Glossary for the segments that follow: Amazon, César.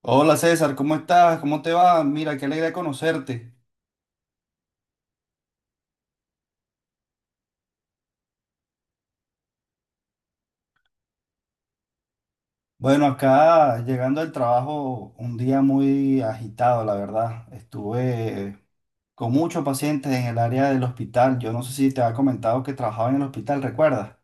Hola César, ¿cómo estás? ¿Cómo te va? Mira, qué alegría conocerte. Bueno, acá llegando al trabajo, un día muy agitado, la verdad. Estuve con muchos pacientes en el área del hospital. Yo no sé si te había comentado que trabajaba en el hospital, ¿recuerdas?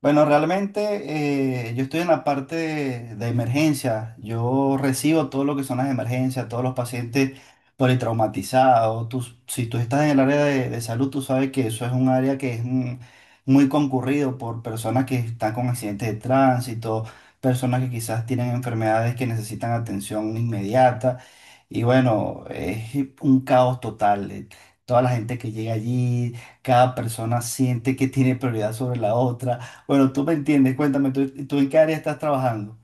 Bueno, realmente yo estoy en la parte de emergencia. Yo recibo todo lo que son las emergencias, todos los pacientes politraumatizados. Si tú estás en el área de salud, tú sabes que eso es un área que es muy concurrido por personas que están con accidentes de tránsito, personas que quizás tienen enfermedades que necesitan atención inmediata. Y bueno, es un caos total. Toda la gente que llega allí, cada persona siente que tiene prioridad sobre la otra. Bueno, tú me entiendes, cuéntame, ¿tú en qué área estás trabajando?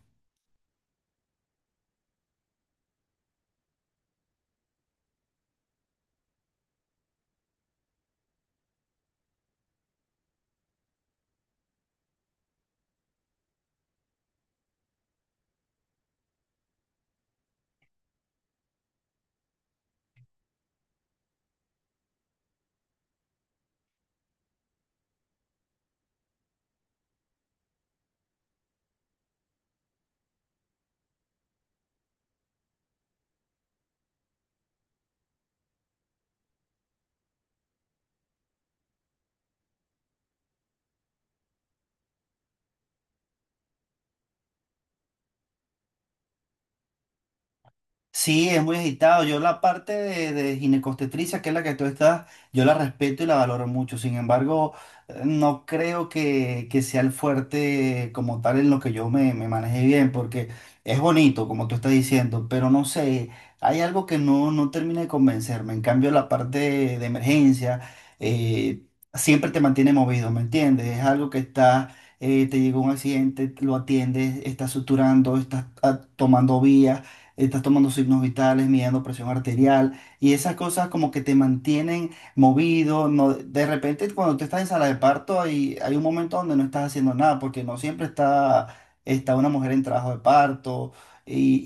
Sí, es muy agitado. Yo la parte de ginecobstetricia, que es la que tú estás, yo la respeto y la valoro mucho. Sin embargo, no creo que sea el fuerte como tal en lo que yo me manejé bien, porque es bonito, como tú estás diciendo, pero no sé, hay algo que no termina de convencerme. En cambio, la parte de emergencia eh, siempre te mantiene movido, ¿me entiendes? Es algo que está te llegó un accidente, lo atiendes, estás suturando, estás tomando vías, estás tomando signos vitales, midiendo presión arterial y esas cosas como que te mantienen movido. No, de repente cuando tú estás en sala de parto hay un momento donde no estás haciendo nada porque no siempre está una mujer en trabajo de parto y,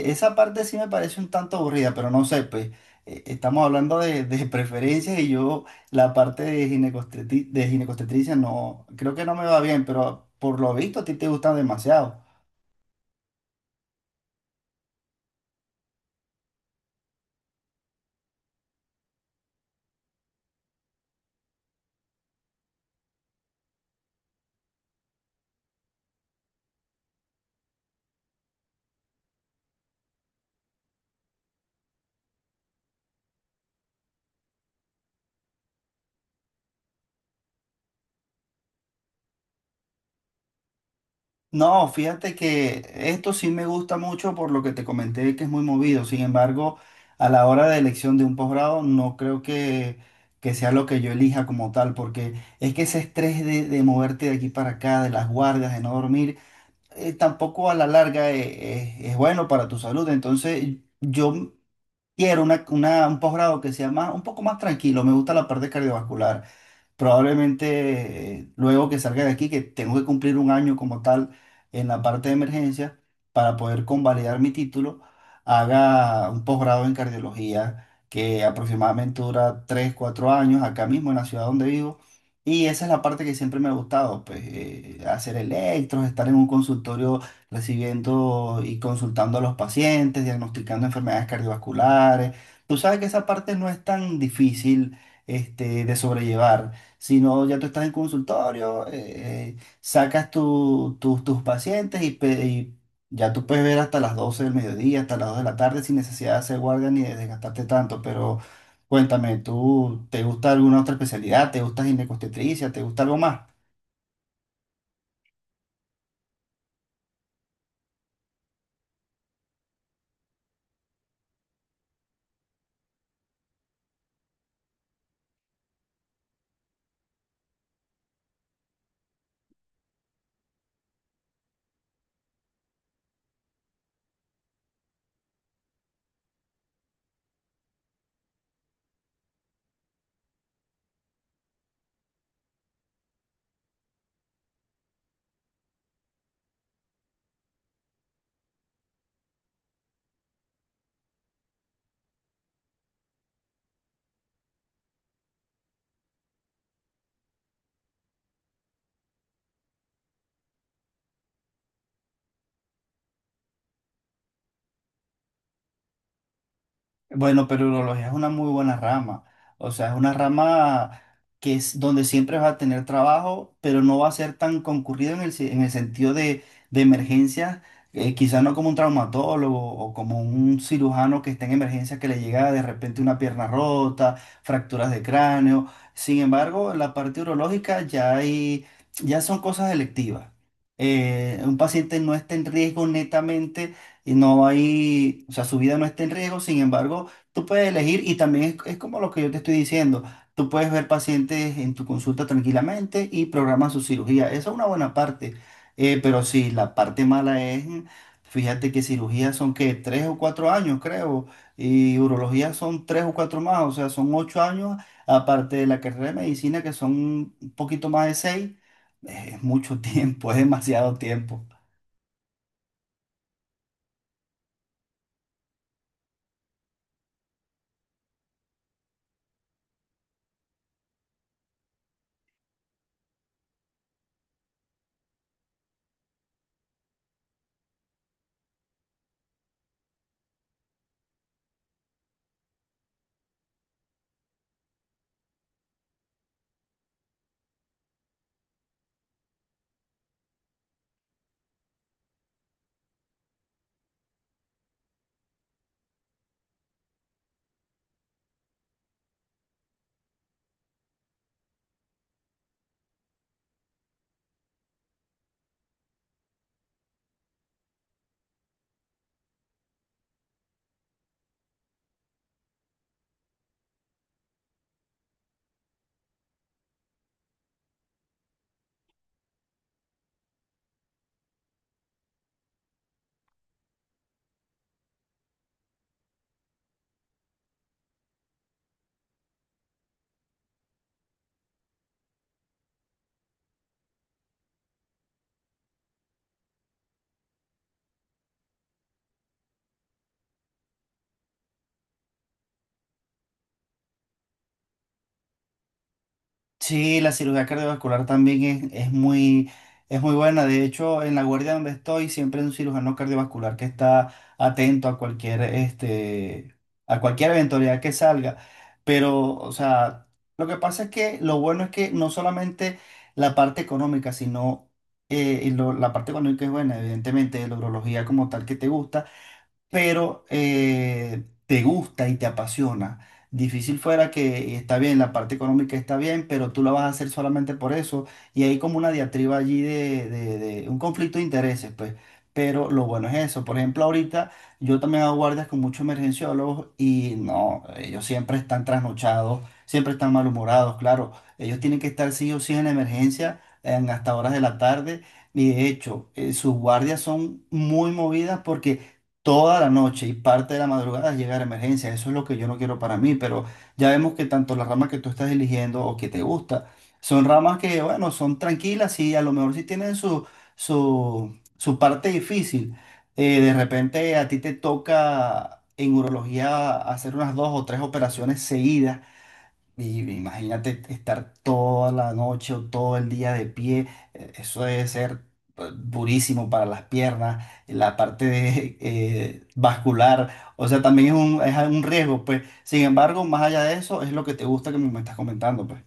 y esa parte sí me parece un tanto aburrida, pero no sé, pues estamos hablando de preferencias y yo la parte de de ginecostetricia no, creo que no me va bien, pero por lo visto a ti te gustan demasiado. No, fíjate que esto sí me gusta mucho por lo que te comenté que es muy movido. Sin embargo, a la hora de elección de un posgrado, no creo que sea lo que yo elija como tal, porque es que ese estrés de moverte de aquí para acá, de las guardias, de no dormir, tampoco a la larga es bueno para tu salud. Entonces, yo quiero un posgrado que sea más, un poco más tranquilo. Me gusta la parte cardiovascular probablemente. Luego que salga de aquí, que tengo que cumplir un año como tal en la parte de emergencia para poder convalidar mi título, haga un posgrado en cardiología que aproximadamente dura 3 4 años acá mismo en la ciudad donde vivo. Y esa es la parte que siempre me ha gustado, pues hacer electros, estar en un consultorio recibiendo y consultando a los pacientes, diagnosticando enfermedades cardiovasculares. Tú sabes que esa parte no es tan difícil, este, de sobrellevar, sino ya tú estás en consultorio. Sacas tus pacientes y, y ya tú puedes ver hasta las 12 del mediodía, hasta las 2 de la tarde sin necesidad de hacer guardia ni de desgastarte tanto. Pero cuéntame, ¿tú te gusta alguna otra especialidad? ¿Te gusta ginecobstetricia? ¿Te gusta algo más? Bueno, pero urología es una muy buena rama. O sea, es una rama que es donde siempre vas a tener trabajo, pero no va a ser tan concurrido en en el sentido de emergencias. Quizás no como un traumatólogo o como un cirujano que está en emergencias que le llega de repente una pierna rota, fracturas de cráneo. Sin embargo, en la parte urológica ya ya son cosas electivas. Un paciente no está en riesgo netamente y no hay, o sea, su vida no está en riesgo. Sin embargo, tú puedes elegir y también es como lo que yo te estoy diciendo, tú puedes ver pacientes en tu consulta tranquilamente y programas su cirugía, esa es una buena parte. Pero sí, la parte mala es, fíjate que cirugías son que 3 o 4 años, creo, y urología son 3 o 4 más, o sea, son 8 años, aparte de la carrera de medicina que son un poquito más de 6, es mucho tiempo, es demasiado tiempo. Sí, la cirugía cardiovascular también es muy buena. De hecho, en la guardia donde estoy, siempre hay un cirujano cardiovascular que está atento a cualquier, este, a cualquier eventualidad que salga. Pero, o sea, lo que pasa es que lo bueno es que no solamente la parte económica, sino la parte económica es buena, evidentemente, de la urología como tal que te gusta, pero te gusta y te apasiona. Difícil fuera que está bien, la parte económica está bien, pero tú la vas a hacer solamente por eso. Y hay como una diatriba allí de, de un conflicto de intereses, pues. Pero lo bueno es eso. Por ejemplo, ahorita yo también hago guardias con muchos emergenciólogos y no, ellos siempre están trasnochados, siempre están malhumorados, claro. Ellos tienen que estar sí o sí en la emergencia en hasta horas de la tarde. Y de hecho, sus guardias son muy movidas porque toda la noche y parte de la madrugada es llegar a emergencia. Eso es lo que yo no quiero para mí, pero ya vemos que tanto las ramas que tú estás eligiendo o que te gusta, son ramas que, bueno, son tranquilas y a lo mejor sí tienen su parte difícil. De repente a ti te toca en urología hacer unas 2 o 3 operaciones seguidas. Y imagínate estar toda la noche o todo el día de pie, eso debe ser durísimo para las piernas, la parte de, vascular, o sea, también es un riesgo, pues. Sin embargo, más allá de eso, es lo que te gusta que me estás comentando, pues.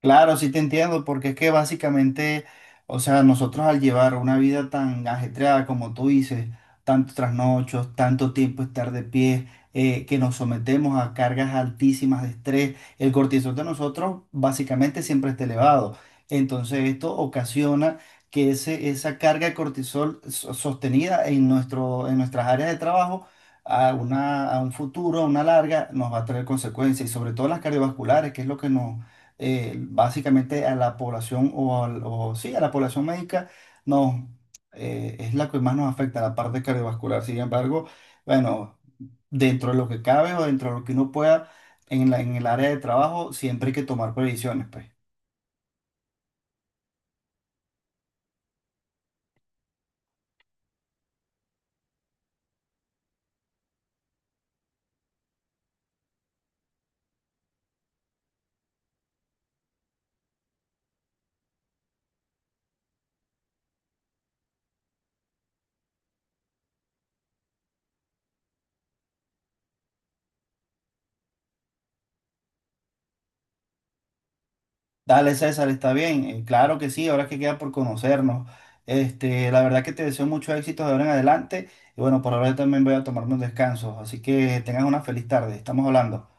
Claro, sí te entiendo, porque es que básicamente, o sea, nosotros al llevar una vida tan ajetreada como tú dices, tantos trasnochos, tanto tiempo estar de pie, que nos sometemos a cargas altísimas de estrés, el cortisol de nosotros básicamente siempre está elevado. Entonces esto ocasiona que esa carga de cortisol sostenida en nuestro, en nuestras áreas de trabajo a una, a un futuro, a una larga, nos va a traer consecuencias y sobre todo las cardiovasculares, que es lo que nos básicamente a la población o, o sí, a la población médica no, es la que más nos afecta, la parte cardiovascular. Sin embargo, bueno, dentro de lo que cabe o dentro de lo que uno pueda en en el área de trabajo, siempre hay que tomar previsiones, pues. Dale, César, está bien. Claro que sí, ahora que queda por conocernos. Este, la verdad que te deseo mucho éxito de ahora en adelante. Y bueno, por ahora yo también voy a tomarme un descanso. Así que tengas una feliz tarde. Estamos hablando.